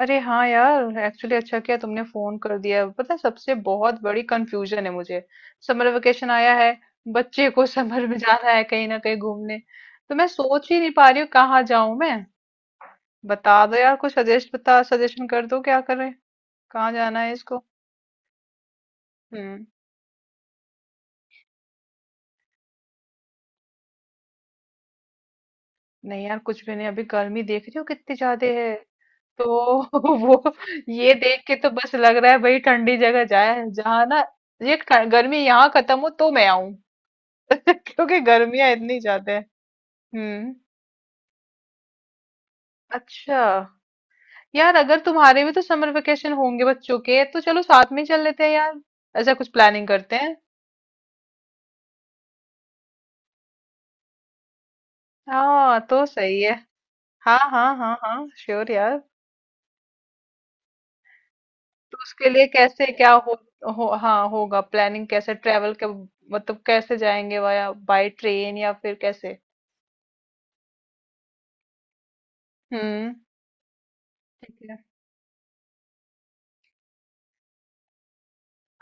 अरे हाँ यार एक्चुअली अच्छा किया तुमने फोन कर दिया। पता है सबसे बहुत बड़ी कंफ्यूजन है मुझे। समर वेकेशन आया है। बच्चे को समर में जाना है कहीं ना कहीं घूमने। तो मैं सोच ही नहीं पा रही हूँ कहाँ जाऊं मैं। बता दो यार कुछ सजेस्ट बता सजेशन कर दो क्या करें। कहाँ जाना है इसको। हम्म। नहीं यार कुछ भी नहीं, अभी गर्मी देख रही हो कितनी ज्यादा है। तो वो ये देख के तो बस लग रहा है भाई ठंडी जगह जाए जहाँ ना। ये गर्मी यहाँ खत्म हो तो मैं आऊं। क्योंकि गर्मियां इतनी ज्यादा है। हम्म। अच्छा यार अगर तुम्हारे भी तो समर वेकेशन होंगे बच्चों के, तो चलो साथ में ही चल लेते हैं यार। ऐसा कुछ प्लानिंग करते हैं। हाँ तो सही है। हाँ हाँ हाँ हाँ श्योर यार। तो उसके लिए कैसे क्या हो हाँ होगा, प्लानिंग कैसे ट्रेवल के। मतलब कैसे जाएंगे, वाया बाय ट्रेन या फिर कैसे। हम्म। ठीक है।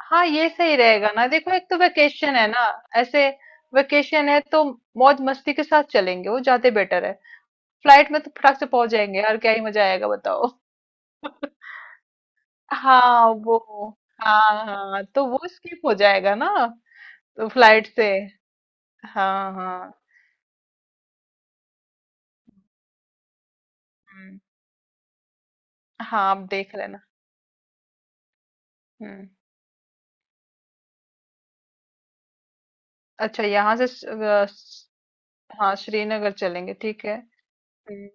हाँ ये सही रहेगा ना, देखो एक तो वेकेशन है ना। ऐसे वेकेशन है तो मौज मस्ती के साथ चलेंगे, वो ज्यादा बेटर है। फ्लाइट में तो फटाक से पहुंच जाएंगे यार, क्या ही मजा आएगा बताओ। हाँ वो, हाँ हाँ तो वो स्किप हो जाएगा ना। तो फ्लाइट से। हाँ हाँ। हम्म, हाँ आप देख लेना। हम्म। अच्छा, यहाँ से हाँ श्रीनगर चलेंगे ठीक है। हम्म।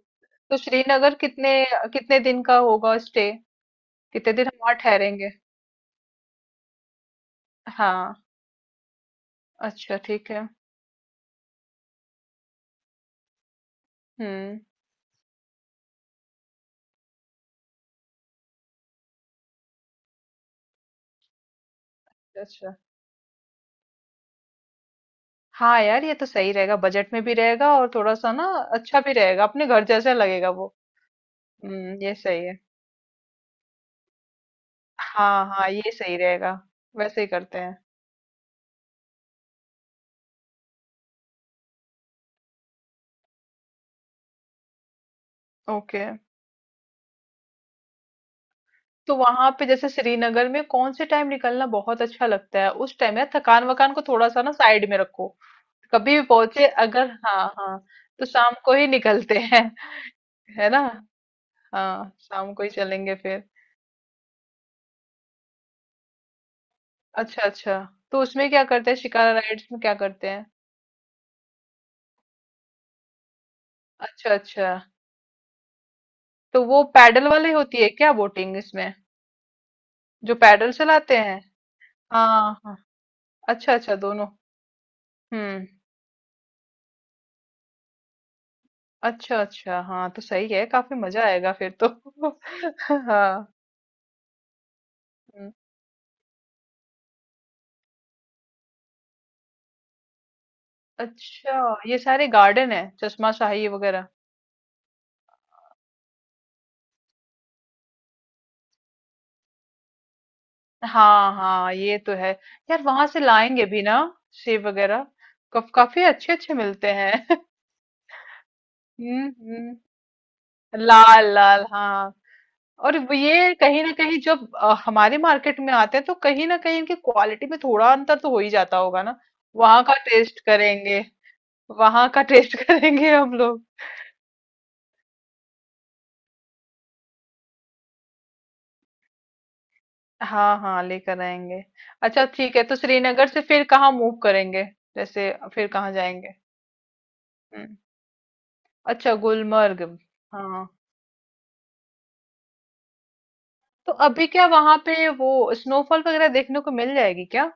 तो श्रीनगर कितने कितने दिन का होगा स्टे। कितने दिन हम वहाँ ठहरेंगे। हाँ अच्छा ठीक है। हम्म। अच्छा हाँ यार ये तो सही रहेगा, बजट में भी रहेगा और थोड़ा सा ना अच्छा भी रहेगा, अपने घर जैसा लगेगा वो। ये सही है। हाँ हाँ ये सही रहेगा। वैसे ही करते हैं। ओके। तो वहां पे जैसे श्रीनगर में कौन से टाइम निकलना बहुत अच्छा लगता है उस टाइम यार, थकान वकान को थोड़ा सा ना साइड में रखो। कभी भी पहुंचे अगर, हाँ हाँ, तो शाम को ही निकलते हैं। है ना। हाँ शाम को ही चलेंगे फिर। अच्छा अच्छा। तो उसमें क्या करते हैं, शिकारा राइड्स में क्या करते हैं। अच्छा अच्छा। तो वो पैडल वाली होती है क्या बोटिंग इसमें, जो पैडल चलाते हैं। हाँ हाँ हाँ। अच्छा अच्छा दोनों। हम्म। अच्छा, अच्छा। हाँ, तो सही है, काफ़ी मज़ा आएगा फिर तो। हाँ, हुँ। अच्छा, ये सारे गार्डन हैं, चश्मा शाही वगैरह? हाँ, हाँ, ये तो है। यार वहाँ से लाएँगे भी ना सेब वगैरह? कफ काफ़ी अच्छे-अच्छे मिलते हैं। हुँ, हुँ। लाल, लाल, हाँ। और व ये कहीं न कहीं जब हमारे मार्केट में आते हैं तो कहीं न कहीं इनकी क्वालिटी में थोड़ा अंतर तो हो ही जाता होगा ना? वहाँ का टेस्ट करेंगे। वहाँ का टेस्ट करेंगे हम लोग। हाँ, हाँ, लेकर आएँगे। अच्छा ठीक है, तो श्रीनगर से फिर कहाँ मूव करेंगे? जैसे फिर कहाँ जाएँगे? हुँ। अच्छा गुलमर्ग, हाँ। तो अभी क्या वहाँ पे वो स्नोफॉल वगैरह देखने को मिल जाएगी क्या?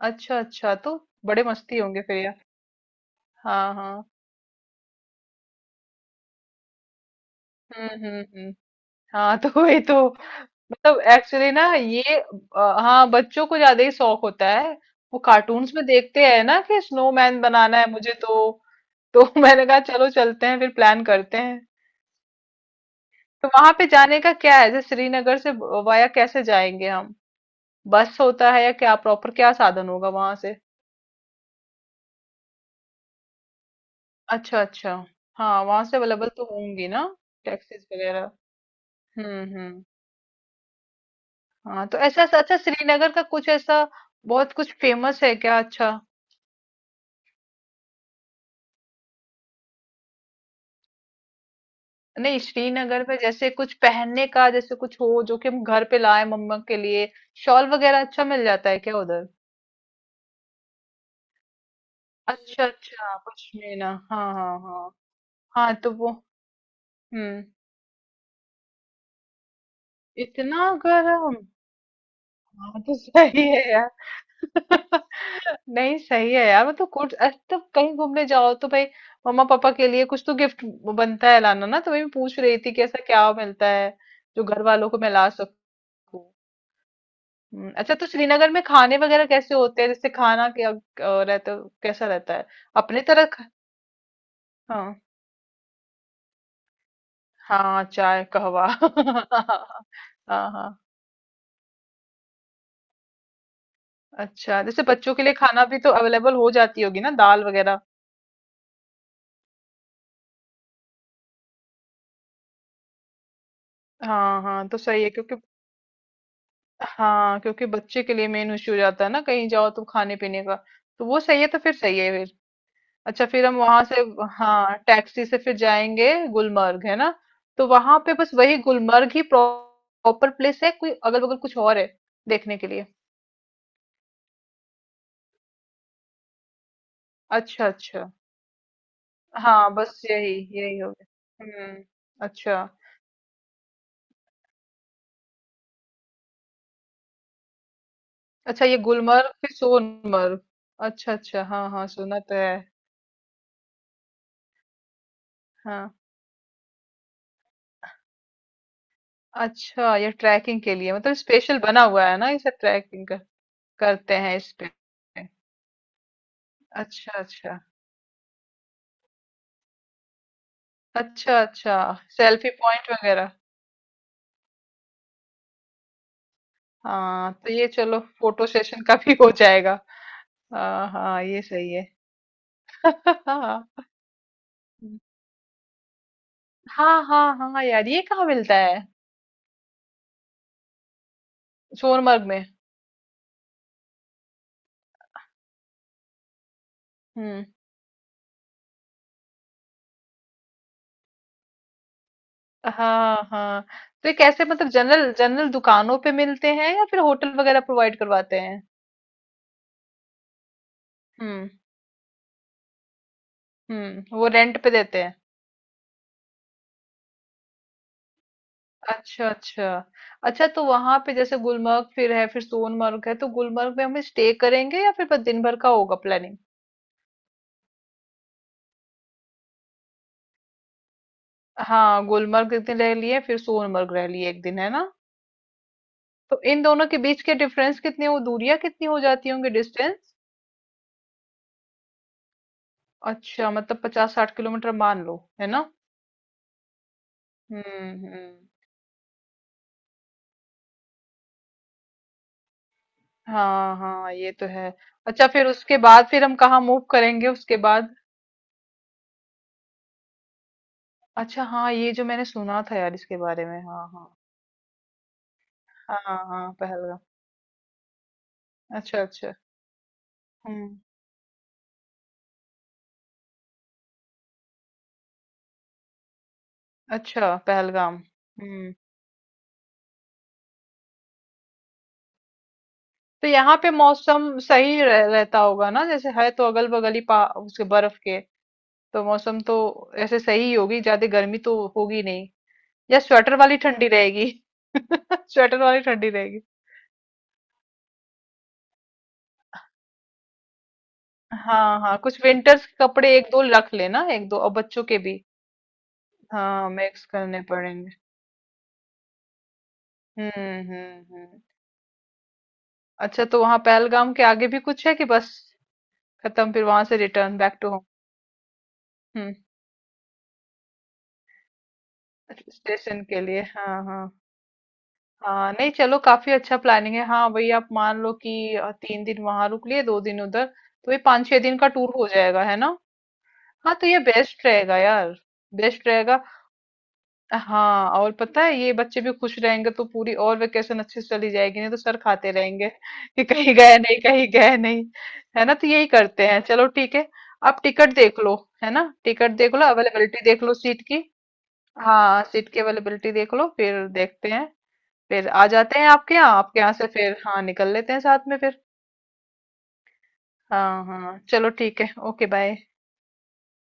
अच्छा, अच्छा, तो बड़े मस्ती होंगे फिर यार। हाँ, हाँ। हुँ, हुँ, हुँ। हाँ, तो वही तो। मतलब एक्चुअली ना ये हाँ, बच्चों को ज़्यादा ही शौक होता है। वो कार्टून्स में देखते हैं ना कि स्नोमैन बनाना है मुझे तो। तो मैंने कहा चलो चलते हैं फिर प्लान करते हैं। तो वहां पे जाने का क्या है, जैसे श्रीनगर से वाया कैसे जाएंगे हम, बस होता है या क्या, प्रॉपर क्या साधन होगा वहां से। अच्छा अच्छा। हाँ वहां से अवेलेबल तो होंगी ना टैक्सीज वगैरह। हम्म। हाँ तो ऐसा अच्छा, श्रीनगर का कुछ ऐसा बहुत कुछ फेमस है क्या अच्छा। नहीं श्रीनगर में जैसे कुछ पहनने का, जैसे कुछ हो जो कि हम घर पे लाए मम्मा के लिए, शॉल वगैरह अच्छा मिल जाता है क्या उधर। अच्छा अच्छा पश्मीना हाँ हाँ हाँ। हाँ तो वो। हम्म, इतना गर्म। हाँ तो सही है यार। नहीं सही है यार, मतलब कुछ अरे तो कहीं घूमने जाओ तो भाई मम्मा पापा के लिए कुछ तो गिफ्ट बनता है लाना ना, तो मैं भी पूछ रही थी कि ऐसा क्या मिलता है जो घर वालों को मैं ला सकूं। अच्छा तो श्रीनगर में खाने वगैरह कैसे होते हैं, जैसे खाना क्या रहता कैसा रहता है, अपने तरह हाँ हाँ चाय कहवा हाँ हाँ। अच्छा जैसे बच्चों के लिए खाना भी तो अवेलेबल हो जाती होगी ना, दाल वगैरह। हाँ हाँ तो सही है क्योंकि, हाँ क्योंकि बच्चे के लिए मेन इश्यू हो जाता है ना कहीं जाओ तो खाने पीने का। तो वो सही है, तो फिर सही है फिर। अच्छा फिर हम वहां से, हाँ टैक्सी से फिर जाएंगे गुलमर्ग है ना। तो वहां पे बस वही गुलमर्ग ही प्रॉपर प्लेस है, कोई अगल बगल कुछ और है देखने के लिए। अच्छा अच्छा। हाँ बस यही यही हो गया हम्म। अच्छा अच्छा ये गुलमर्ग फिर सोनमर्ग। अच्छा अच्छा हाँ हाँ सुना तो है। हाँ अच्छा ये ट्रैकिंग के लिए मतलब स्पेशल बना हुआ है ना, इसे ट्रैकिंग करते हैं इस पे। अच्छा अच्छा अच्छा अच्छा सेल्फी पॉइंट वगैरह। हाँ तो ये चलो फोटो सेशन का भी हो जाएगा। हाँ हाँ ये सही है। हाँ हाँ हाँ हाँ यार ये कहाँ मिलता है, सोनमर्ग में। हम्म हाँ हाँ। तो ये कैसे, मतलब जनरल जनरल दुकानों पे मिलते हैं या फिर होटल वगैरह प्रोवाइड करवाते हैं। हम्म हम्म, वो रेंट पे देते हैं। अच्छा, अच्छा। अच्छा तो वहाँ पे जैसे गुलमर्ग फिर है, फिर सोनमर्ग है, तो गुलमर्ग में हम स्टे करेंगे या फिर बस दिन भर का होगा प्लानिंग? हाँ, गुलमर्ग एक दिन रह लिए, फिर सोनमर्ग रह लिए एक दिन, है ना? तो इन दोनों के बीच के डिफरेंस कितने हो, दूरियां कितनी हो जाती होंगी, डिस्टेंस? अच्छा, मतलब 50-60 किलोमीटर मान लो, है ना? हम्म हम्म हाँ हाँ ये तो है। अच्छा फिर उसके बाद फिर हम कहाँ मूव करेंगे उसके बाद। अच्छा हाँ ये जो मैंने सुना था यार इसके बारे में, हाँ हाँ। हाँ हाँ हाँ, पहलगाम। अच्छा अच्छा। हम्म, अच्छा पहलगाम। हम्म। तो यहाँ पे मौसम सही रहता होगा ना, जैसे है तो अगल बगल ही पा उसके बर्फ के। तो मौसम तो ऐसे सही ही होगी, ज्यादा गर्मी तो होगी नहीं। या स्वेटर वाली ठंडी रहेगी। स्वेटर वाली ठंडी रहेगी। हाँ हाँ कुछ विंटर्स के कपड़े एक दो रख लेना, एक दो और बच्चों के भी। हाँ मिक्स करने पड़ेंगे। हम्म। अच्छा तो वहां पहलगाम के आगे भी कुछ है कि बस खत्म, फिर वहां से return back to home. Hmm, station के लिए हाँ हाँ। हाँ नहीं चलो काफी अच्छा प्लानिंग है, हाँ वही आप मान लो कि 3 दिन वहां रुक लिए 2 दिन उधर। तो ये 5-6 दिन का टूर हो जाएगा है ना। हाँ तो ये बेस्ट रहेगा यार बेस्ट रहेगा। हाँ और पता है ये बच्चे भी खुश रहेंगे तो पूरी और वेकेशन अच्छे से चली जाएगी, नहीं तो सर खाते रहेंगे कि कहीं गए नहीं कहीं गए नहीं। है ना तो यही करते हैं, चलो ठीक है। आप टिकट देख लो, है ना टिकट देख लो अवेलेबिलिटी देख लो सीट की। हाँ सीट की अवेलेबिलिटी देख लो, फिर देखते हैं। फिर आ जाते हैं आपके यहाँ, आपके यहाँ से फिर हाँ निकल लेते हैं साथ में फिर। हाँ हाँ चलो ठीक है ओके बाय।